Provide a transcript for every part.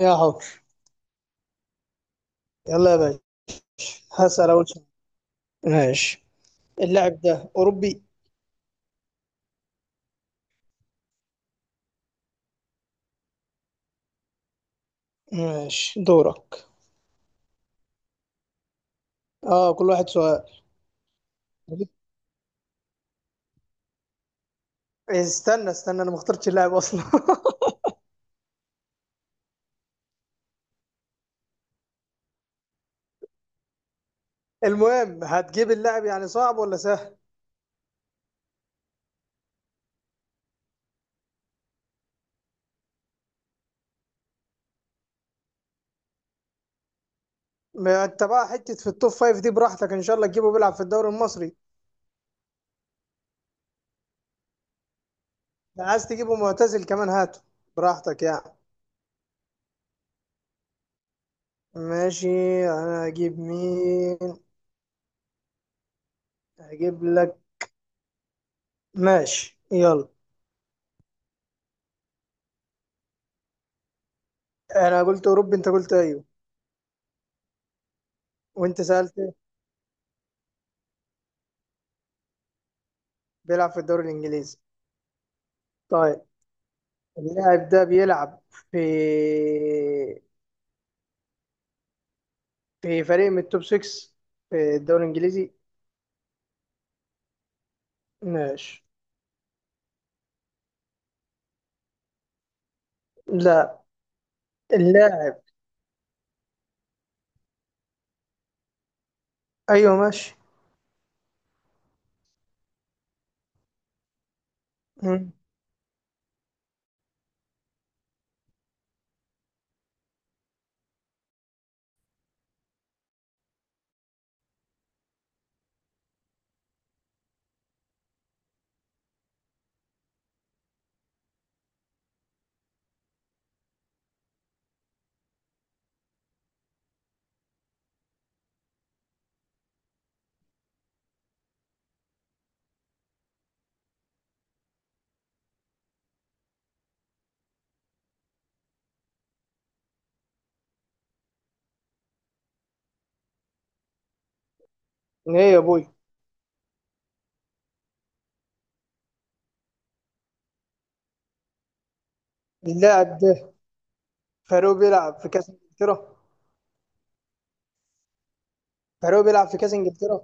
يا حر. يلا يا باشا، هسأل أول سؤال. ماشي. اللاعب ده أوروبي؟ ماشي، دورك. اه، كل واحد سؤال. استنى استنى، انا ما اخترتش اللاعب اصلا. المهم، هتجيب اللاعب يعني صعب ولا سهل؟ ما انت بقى حته في التوب فايف، دي براحتك ان شاء الله تجيبه بيلعب في الدوري المصري. لو عايز تجيبه معتزل كمان هاته، براحتك يعني. ماشي. انا هجيب مين؟ هجيب لك. ماشي يلا. انا قلت اوروبي، انت قلت ايوه، وانت سالت بيلعب في الدوري الانجليزي. طيب، اللاعب ده بيلعب في في فريق من التوب 6 في الدوري الانجليزي؟ ماشي. لا. اللاعب. ايوه، ماشي. مم. ايه يا ابوي؟ اللاعب ده فاروق بيلعب في كاس انجلترا؟ فاروق بيلعب في كاس انجلترا.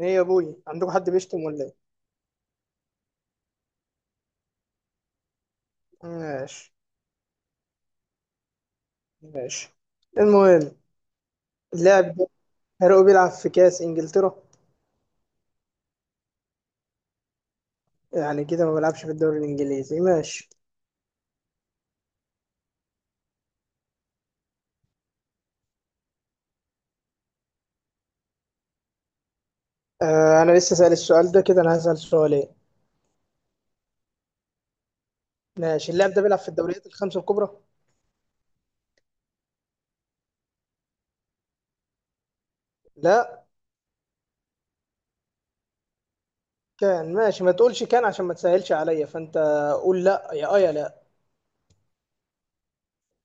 ايه يا ابوي؟ عندكم حد بيشتم ولا ايه؟ ماشي، ماشي. المهم، اللاعب ده فاروق بيلعب في كاس انجلترا. يعني كده ما بيلعبش في الدوري الانجليزي. ماشي. آه، انا لسه سأل السؤال ده كده، انا هسأل سؤالين. ماشي، اللاعب ده بيلعب في الدوريات الخمسة الكبرى؟ لا. كان. ماشي، ما تقولش كان عشان ما تسهلش عليا، فانت قول لا يا لا.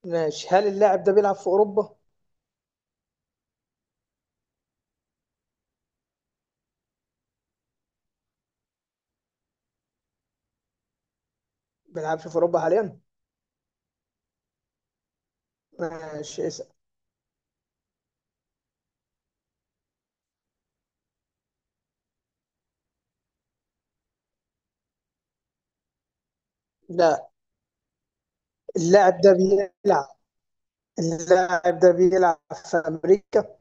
ماشي. هل اللاعب ده بيلعب في اوروبا؟ بيلعبش في اوروبا حاليا. ماشي، اسأل. لا. اللاعب ده بيلعب اللاعب ده بيلعب في امريكا؟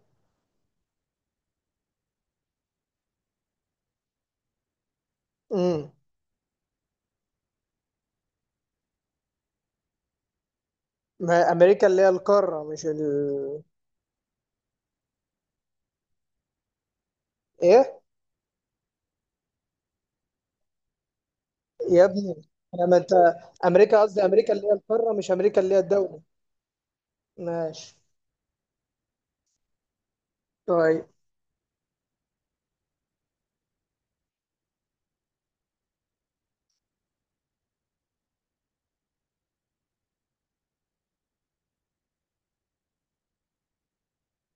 امم ما امريكا اللي هي القارة، مش ايه يا ابني؟ لما انت قصدي امريكا اللي هي القارة، مش امريكا اللي هي الدولة. ماشي. طيب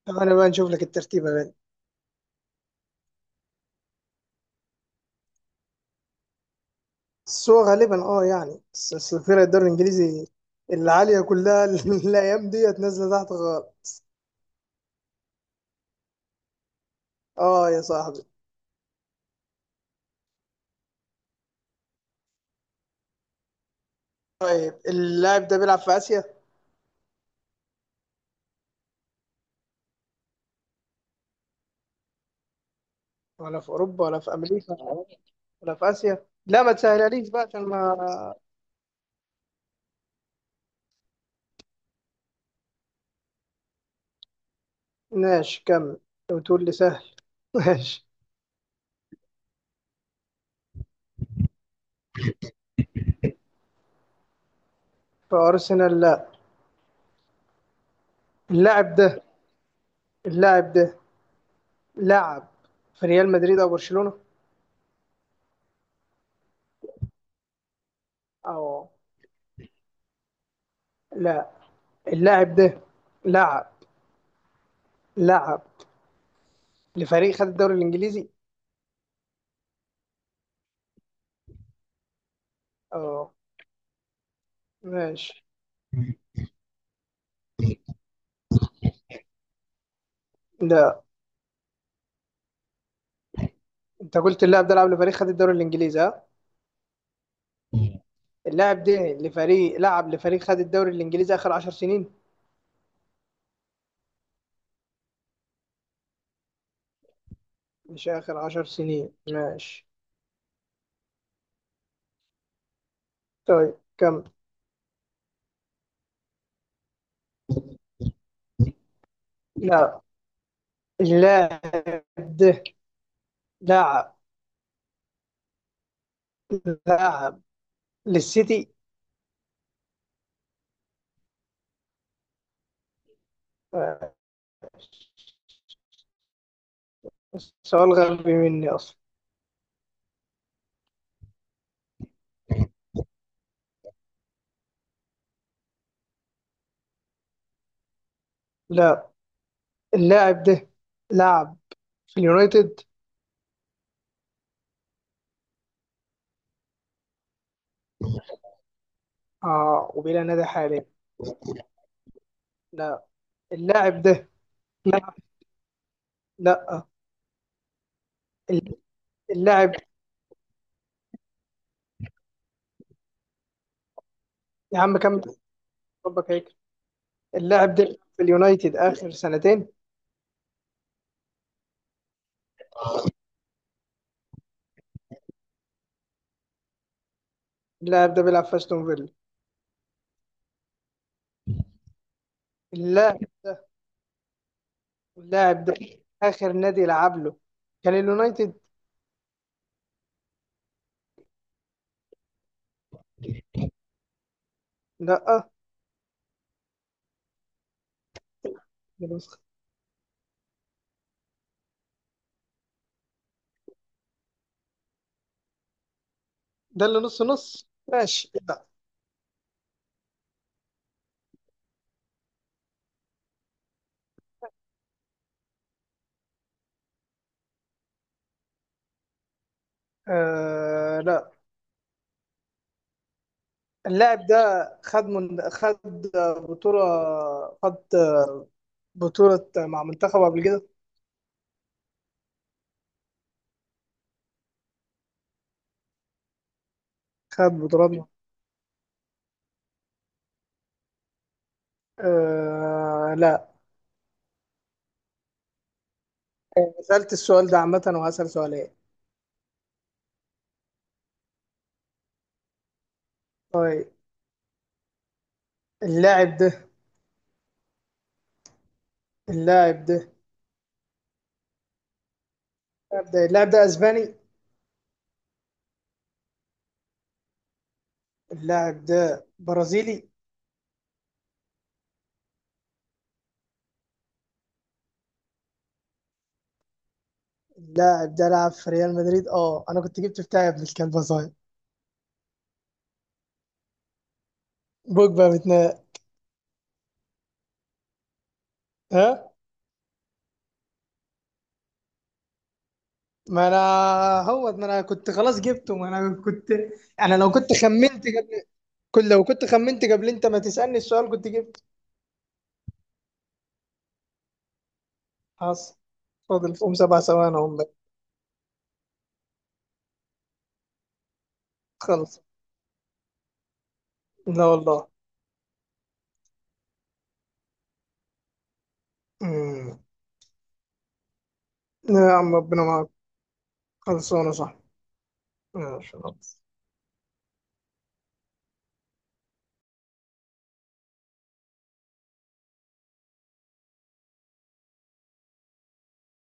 طب انا بقى نشوف لك الترتيب يا بنت. بس هو غالبا، يعني بس بس الفرق الدوري الانجليزي العاليه كلها، الايام ديت نازله تحت خالص. اه يا صاحبي. طيب، اللاعب ده بيلعب في اسيا؟ ولا في اوروبا؟ ولا في امريكا؟ ولا في اسيا؟ لا، ما تسهلهاليش بقى عشان ما. ماشي، كمل. لو تقول لي سهل. ماشي. في ارسنال؟ لا. اللاعب ده اللاعب ده لعب في ريال مدريد او برشلونه؟ او. لا. اللاعب ده لعب لعب لفريق خد الدوري الانجليزي. اه، ماشي. ده، انت قلت اللاعب ده لعب لفريق خد الدوري الانجليزي، ها؟ اللاعب ده لعب لفريق خد الدوري الانجليزي اخر عشر سنين؟ مش اخر عشر سنين؟ ماشي. طيب، كم. لا. اللاعب ده لعب لعب للسيتي؟ آه، سؤال غبي مني اصلا. لا. اللاعب ده لعب في اليونايتد؟ اه، وبلا نادي حاليا؟ لا. اللاعب ده. لا، لا. اللاعب يا عم، كمل. ربك هيك. اللاعب ده في اليونايتد اخر سنتين؟ اللاعب ده بيلعب في استون فيلا؟ اللاعب ده اللاعب ده، اخر نادي لعب له كان اليونايتد؟ لا. ده ده اللي نص نص. ماشي. لا. آه، لا. اللاعب ده خد بطولة، خد بطولة مع منتخبه قبل كده؟ خد بطولات آه، لا. سألت السؤال ده عامة، وهسأل سؤالين. طيب، اللاعب ده اللاعب ده اللاعب ده اسباني؟ اللاعب ده برازيلي؟ اللاعب ده لعب في ريال مدريد. اه، انا كنت جبت بتاعي، ابن الكلب صاير. بوجبا متناق. ها؟ ما انا هو، ما انا كنت خلاص جبته، ما انا كنت انا لو كنت خمنت قبل. لو كنت خمنت قبل انت ما تسألني السؤال كنت جبت. حصل. فاضل فيهم سبع ثواني هم بقى. خلص. لا والله. امم. يا عم، ربنا معاك. خلصانه صح؟ ماشي